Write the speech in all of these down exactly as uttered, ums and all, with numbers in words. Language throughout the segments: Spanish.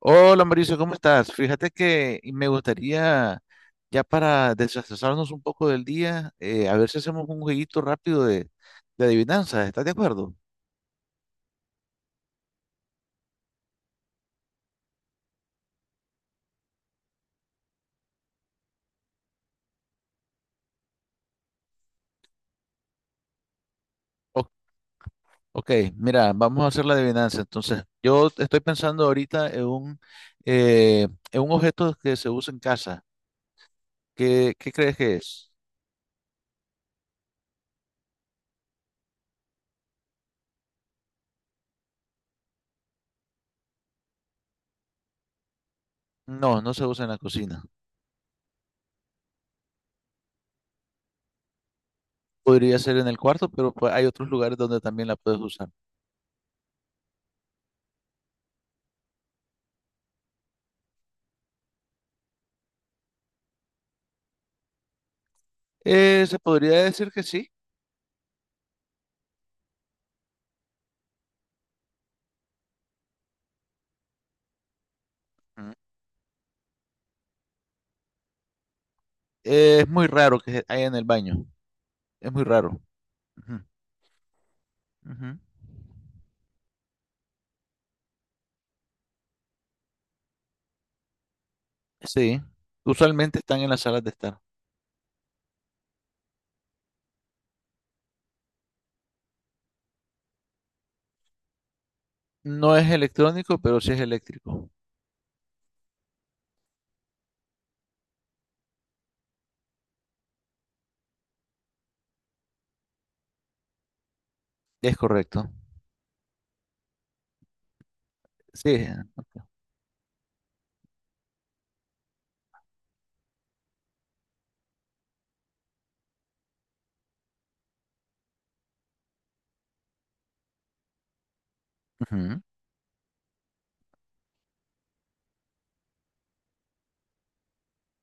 Hola Mauricio, ¿cómo estás? Fíjate que me gustaría, ya para desestresarnos un poco del día, eh, a ver si hacemos un jueguito rápido de, de adivinanzas. ¿Estás de acuerdo? O- ok, mira, vamos a hacer la adivinanza. Entonces, yo estoy pensando ahorita en un, eh, en un objeto que se usa en casa. ¿Qué, ¿qué crees que es? No, no se usa en la cocina. Podría ser en el cuarto, pero pues, hay otros lugares donde también la puedes usar. Eh, se podría decir que sí. Ujú. Eh, es muy raro que haya en el baño. Es muy raro. Ujú, ujú. Sí, usualmente están en las salas de estar. No es electrónico, pero sí es eléctrico. Es correcto. Sí. Ujú.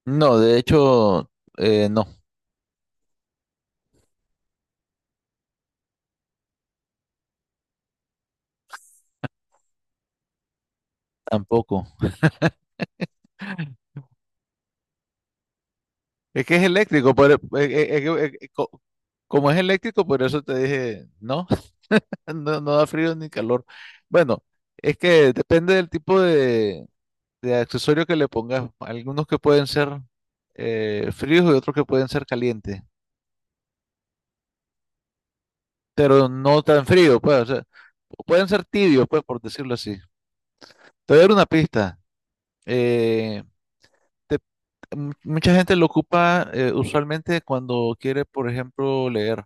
No, de hecho, eh, no, tampoco. Es que es eléctrico, por- eh, eh, eh, eh, co- como es eléctrico, por eso te dije, no, no, no da frío ni calor. Bueno, es que depende del tipo de, de accesorio que le pongas. Algunos que pueden ser eh, fríos y otros que pueden ser calientes. Pero no tan frío, pues, o sea, pueden ser tibios, pues, por decirlo así. Te voy a dar una pista. Eh, te- mu- Mucha gente lo ocupa eh, usualmente cuando quiere, por ejemplo, leer.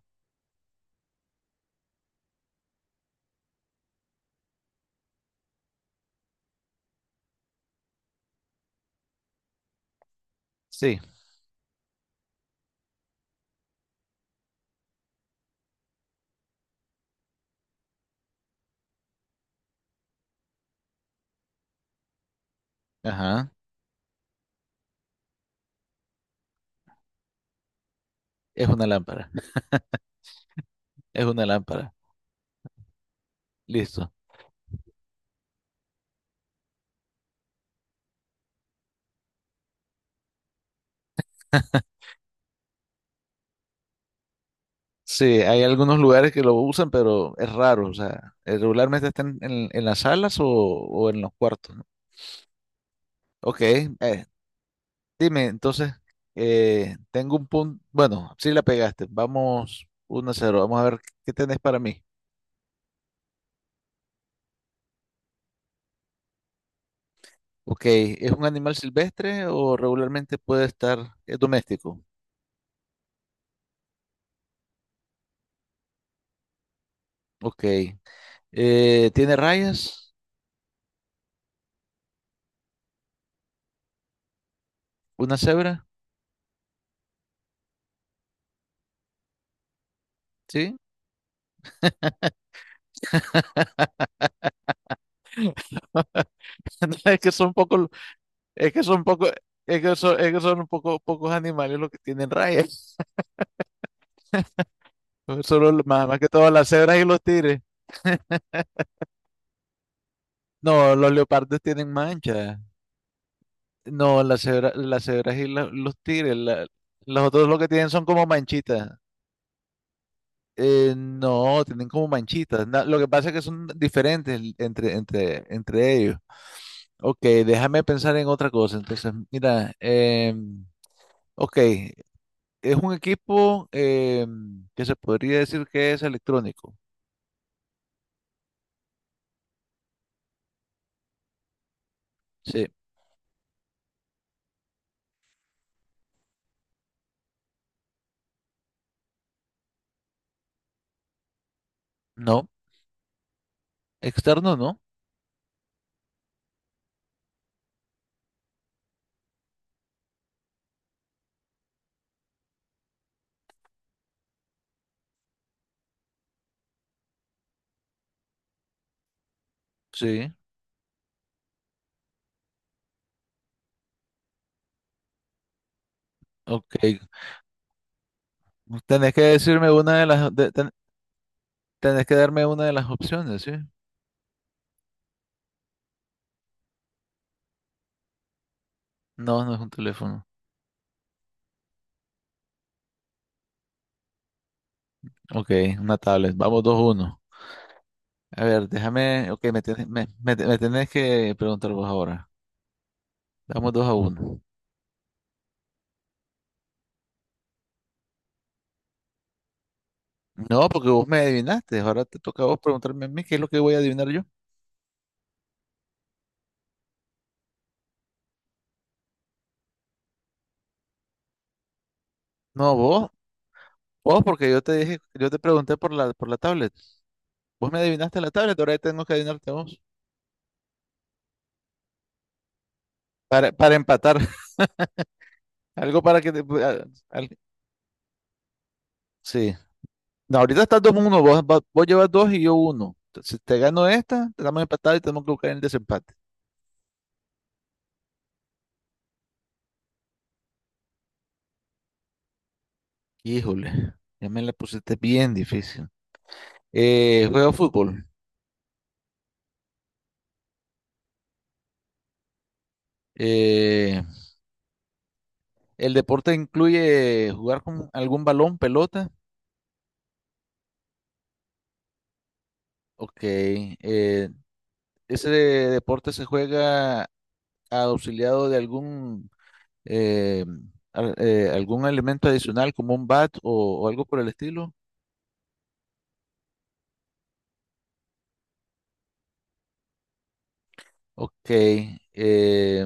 Sí, ajá, es una lámpara, es una lámpara, listo. Sí, hay algunos lugares que lo usan, pero es raro, o sea, eh, regularmente están en, en las salas o, o en los cuartos, ¿no? Ok, eh, dime, entonces, eh, tengo un punto. Bueno, sí la pegaste. Vamos uno a cero. Vamos a ver qué tenés para mí. Ok, ¿es un animal silvestre o regularmente puede estar es doméstico? Ok, eh, ¿tiene rayas? ¿Una cebra? ¿Sí? Es que son pocos, es que son pocos, es que son, es que son un poco, pocos animales los que tienen rayas. Solo, lo- más, más que todas las cebras y los tigres. No, los leopardos tienen manchas. No, las cebra- las cebras y la- los tigres, la- los otros lo que tienen son como manchitas. Eh, no, tienen como manchitas. Na- lo que pasa es que son diferentes entre, entre, entre ellos. Ok, déjame pensar en otra cosa. Entonces, mira, em, ok, es un equipo em, que se podría decir que es electrónico. Sí, no, externo no. Sí, ok. Tenés que decirme una de las, de- ten- tenés que darme una de las opciones, ¿sí? No, no es un teléfono. Ok, una tablet. Vamos dos uno. A ver, déjame. Ok, me tenés, me, me me tenés que preguntar vos ahora. Vamos dos a uno. No, porque vos me adivinaste. Ahora te toca a vos preguntarme a mí qué es lo que voy a adivinar yo. No, vos. Vos, porque yo te dije, yo te pregunté por la, por la tablet. Vos me adivinaste la tablet, ahora tengo que adivinarte a vos. Para, para empatar. Algo para que te. a- al- sí. No, ahorita estás dos uno. Vos, va- vos llevas dos y yo uno. Si te gano esta, estamos empatados y tenemos que buscar el desempate. Híjole, ya me la pusiste bien difícil. Eh, juego fútbol. Eh, ¿el deporte incluye jugar con algún balón, pelota? Ok. Eh, ¿ese deporte se juega auxiliado de algún, eh, al- eh, algún elemento adicional como un bat o, o algo por el estilo? Ok. eh,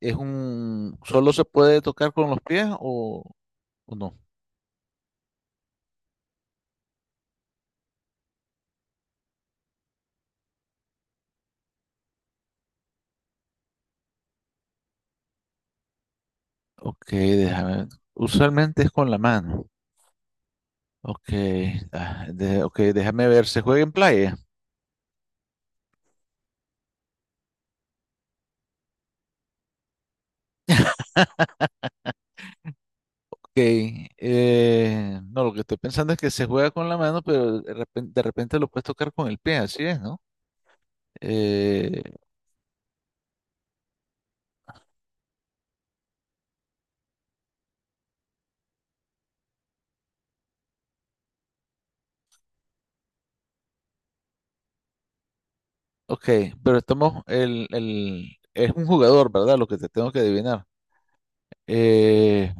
¿Es un, solo se puede tocar con los pies o, o no? Ok, déjame ver. Usualmente es con la mano. Ok, ah, de- ok, déjame ver, ¿se juega en playa? Ok, eh, no, lo que estoy pensando es que se juega con la mano, pero de repen- de repente, lo puedes tocar con el pie, así es, ¿no? Eh, ok, pero estamos, el, el, es un jugador, ¿verdad? Lo que te tengo que adivinar. Eh,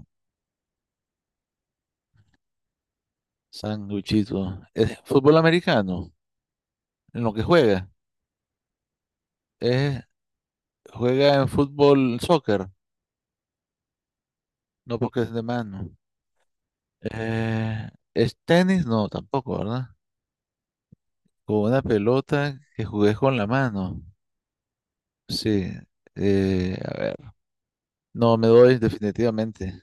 sanguchito, ¿es fútbol americano? En lo que juega, ¿Es- ¿juega en fútbol, soccer, no porque es de mano? Eh, ¿es tenis? No, tampoco, ¿verdad? Con una pelota que jugué con la mano. Sí. Eh, a ver. No, me doy definitivamente.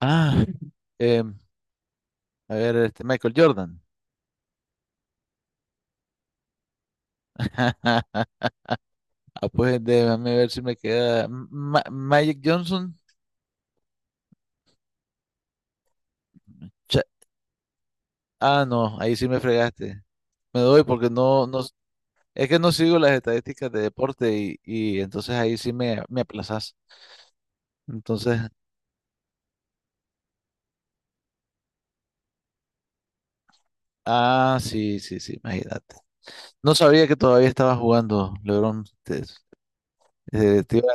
Ah, em, a ver, este Michael Jordan. Ah, pues déjame ver si me queda. Ma- Magic Johnson. Cha- ah, no, ahí sí me fregaste. Me doy porque no, no, es que no sigo las estadísticas de deporte y, y entonces ahí sí me, me aplazas. Entonces, ah, sí, sí, sí, imagínate. No sabía que todavía estaba jugando, LeBron. Te, eh, te iba.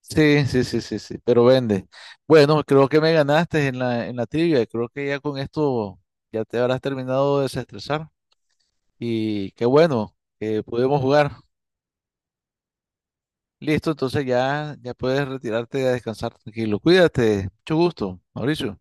Sí, sí, sí, sí, sí, pero vende. Bueno, creo que me ganaste en la, en la trivia. Creo que ya con esto ya te habrás terminado de desestresar. Y qué bueno que pudimos jugar. Listo, entonces ya, ya puedes retirarte a descansar tranquilo. Cuídate, mucho gusto, Mauricio.